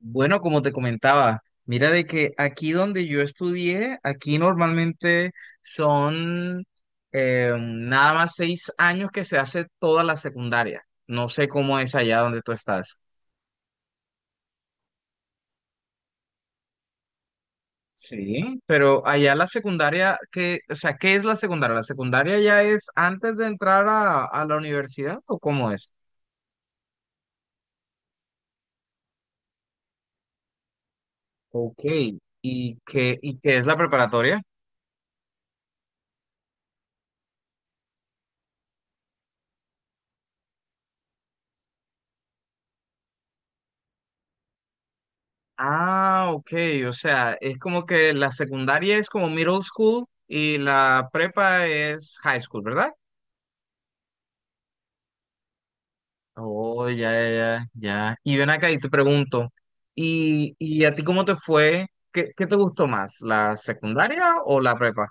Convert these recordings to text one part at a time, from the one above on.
Bueno, como te comentaba, mira de que aquí donde yo estudié, aquí normalmente son nada más 6 años que se hace toda la secundaria. No sé cómo es allá donde tú estás. Sí, pero allá la secundaria, que, o sea, ¿qué es la secundaria? ¿La secundaria ya es antes de entrar a la universidad o cómo es? Ok, y qué es la preparatoria? Ah, ok, o sea, es como que la secundaria es como middle school y la prepa es high school, ¿verdad? Oh, ya, ya, ya, ya. Y ven acá y te pregunto, y a ti cómo te fue? ¿Qué, qué te gustó más, la secundaria o la prepa?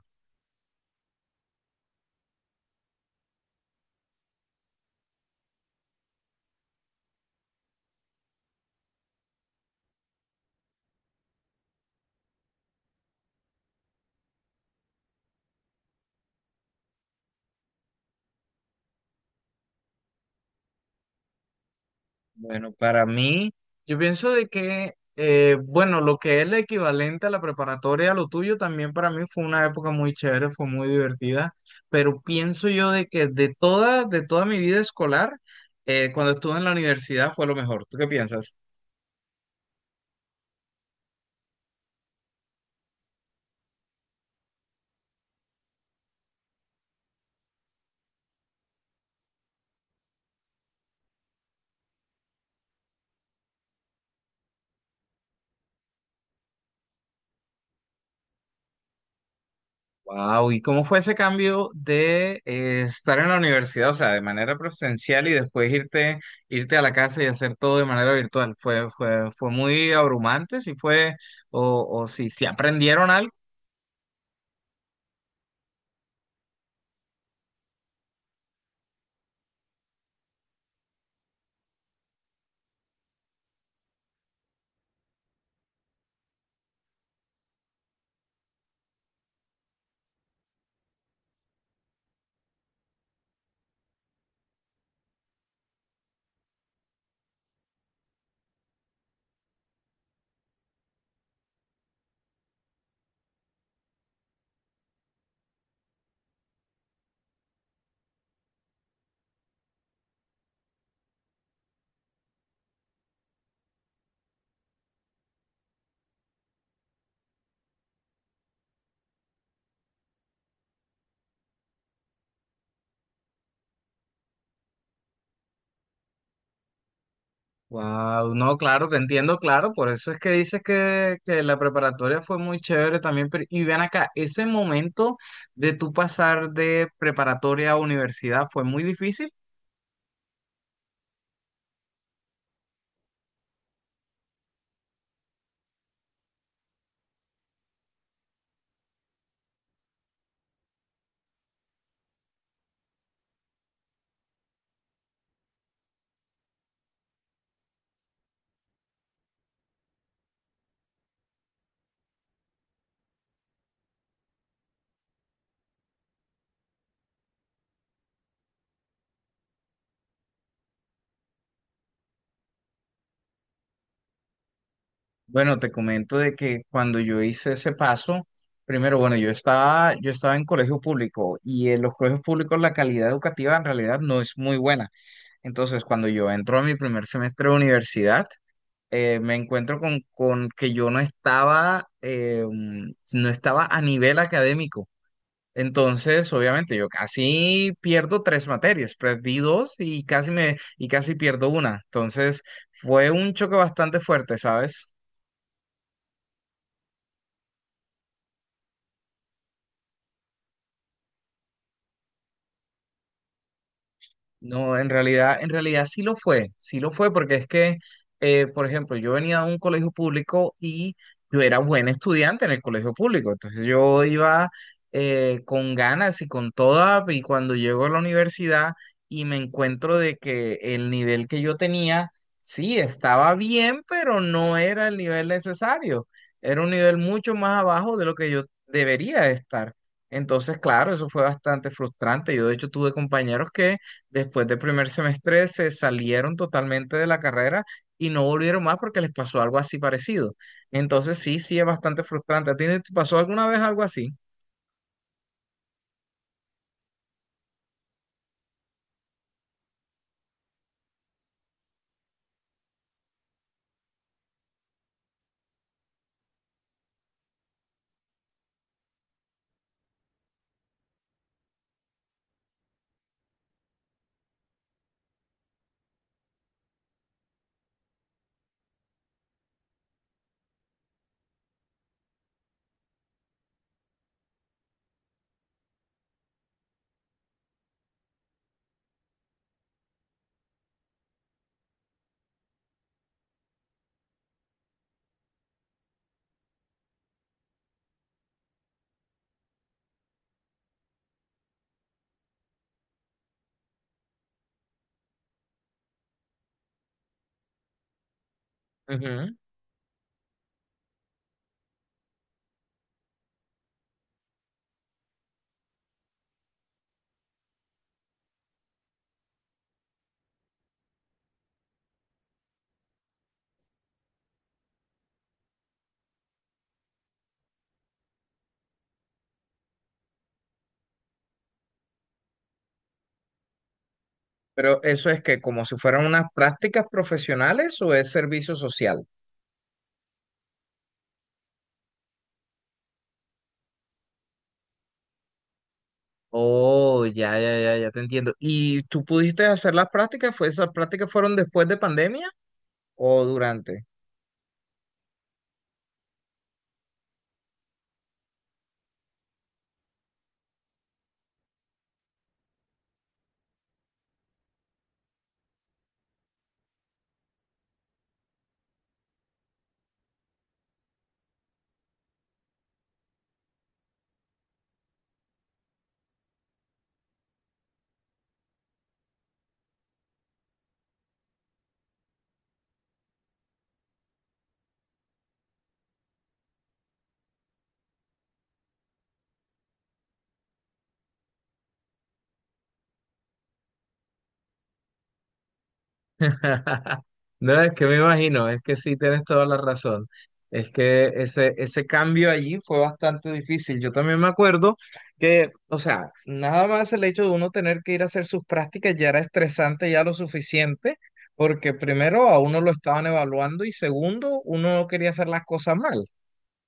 Bueno, para mí, yo pienso de que, bueno, lo que es la equivalente a la preparatoria, lo tuyo también para mí fue una época muy chévere, fue muy divertida, pero pienso yo de que de toda mi vida escolar, cuando estuve en la universidad fue lo mejor. ¿Tú qué piensas? Wow, ¿y cómo fue ese cambio de estar en la universidad, o sea, de manera presencial y después irte, irte a la casa y hacer todo de manera virtual? ¿Fue, fue, fue muy abrumante? ¿Sí fue, o si aprendieron algo? Wow, no, claro, te entiendo, claro, por eso es que dices que la preparatoria fue muy chévere también, pero y ven acá, ese momento de tú pasar de preparatoria a universidad fue muy difícil. Bueno, te comento de que cuando yo hice ese paso, primero, bueno, yo estaba en colegio público y en los colegios públicos la calidad educativa en realidad no es muy buena. Entonces, cuando yo entro a mi primer semestre de universidad, me encuentro con que yo no estaba, no estaba a nivel académico. Entonces, obviamente, yo casi pierdo 3 materias, perdí dos y casi me, y casi pierdo una. Entonces, fue un choque bastante fuerte, ¿sabes? No, en realidad sí lo fue, porque es que, por ejemplo, yo venía de un colegio público y yo era buen estudiante en el colegio público, entonces yo iba con ganas y con toda, y cuando llego a la universidad y me encuentro de que el nivel que yo tenía, sí, estaba bien, pero no era el nivel necesario, era un nivel mucho más abajo de lo que yo debería estar. Entonces, claro, eso fue bastante frustrante. Yo, de hecho, tuve compañeros que después del primer semestre se salieron totalmente de la carrera y no volvieron más porque les pasó algo así parecido. Entonces sí, sí es bastante frustrante. ¿A ti te pasó alguna vez algo así? Ujú. Pero eso es que como si fueran unas prácticas profesionales o es servicio social. Oh, ya, ya, ya, ya te entiendo. ¿Y tú pudiste hacer las prácticas? ¿Fue, esas prácticas fueron después de pandemia o durante? No, es que me imagino, es que sí tienes toda la razón. Es que ese cambio allí fue bastante difícil. Yo también me acuerdo que, o sea, nada más el hecho de uno tener que ir a hacer sus prácticas ya era estresante ya lo suficiente, porque primero a uno lo estaban evaluando y segundo, uno no quería hacer las cosas mal.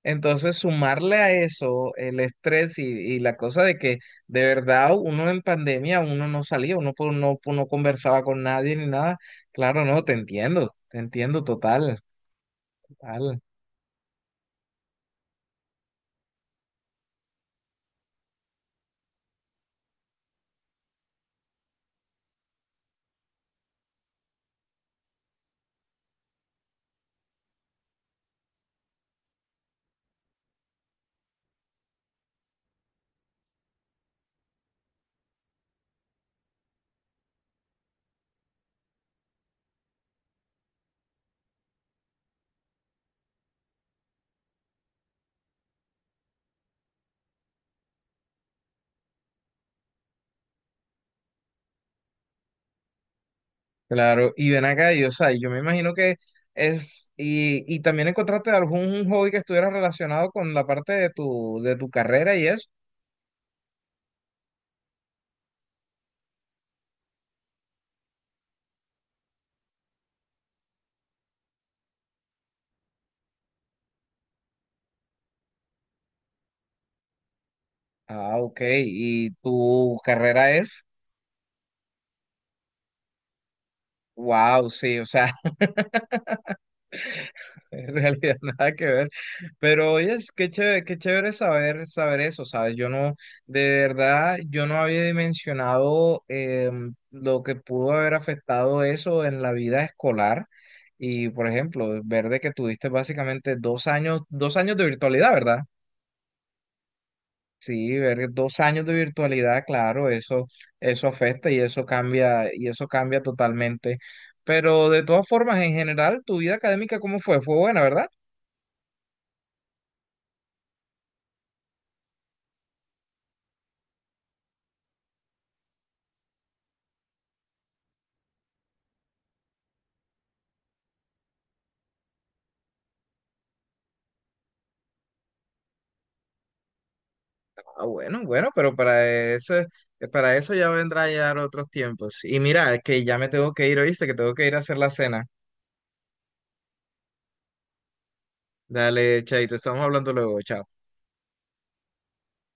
Entonces, sumarle a eso el estrés y la cosa de que de verdad uno en pandemia, uno no salía, uno po- no conversaba con nadie ni nada. Claro, no, te entiendo total, total. Claro, y ven acá, y, o sea, yo me imagino que es, y también encontraste algún un hobby que estuviera relacionado con la parte de tu carrera y eso. Ah, ok, y tu carrera es, wow, sí, o sea. En realidad nada que ver. Pero oye, es qué chévere saber, saber eso, ¿sabes? Yo no, de verdad, yo no había dimensionado lo que pudo haber afectado eso en la vida escolar. Y por ejemplo, ver de que tuviste básicamente dos años, 2 años de virtualidad, ¿verdad? Sí, ver 2 años de virtualidad, claro, eso afecta y eso cambia totalmente. Pero de todas formas, en general, tu vida académica, ¿cómo fue? Fue buena, ¿verdad? Ah, bueno, bueno, pero para eso ya vendrá ya otros tiempos. Y mira, que ya me tengo que ir, ¿oíste? Que tengo que ir a hacer la cena. Dale, chaito, estamos hablando luego, chao.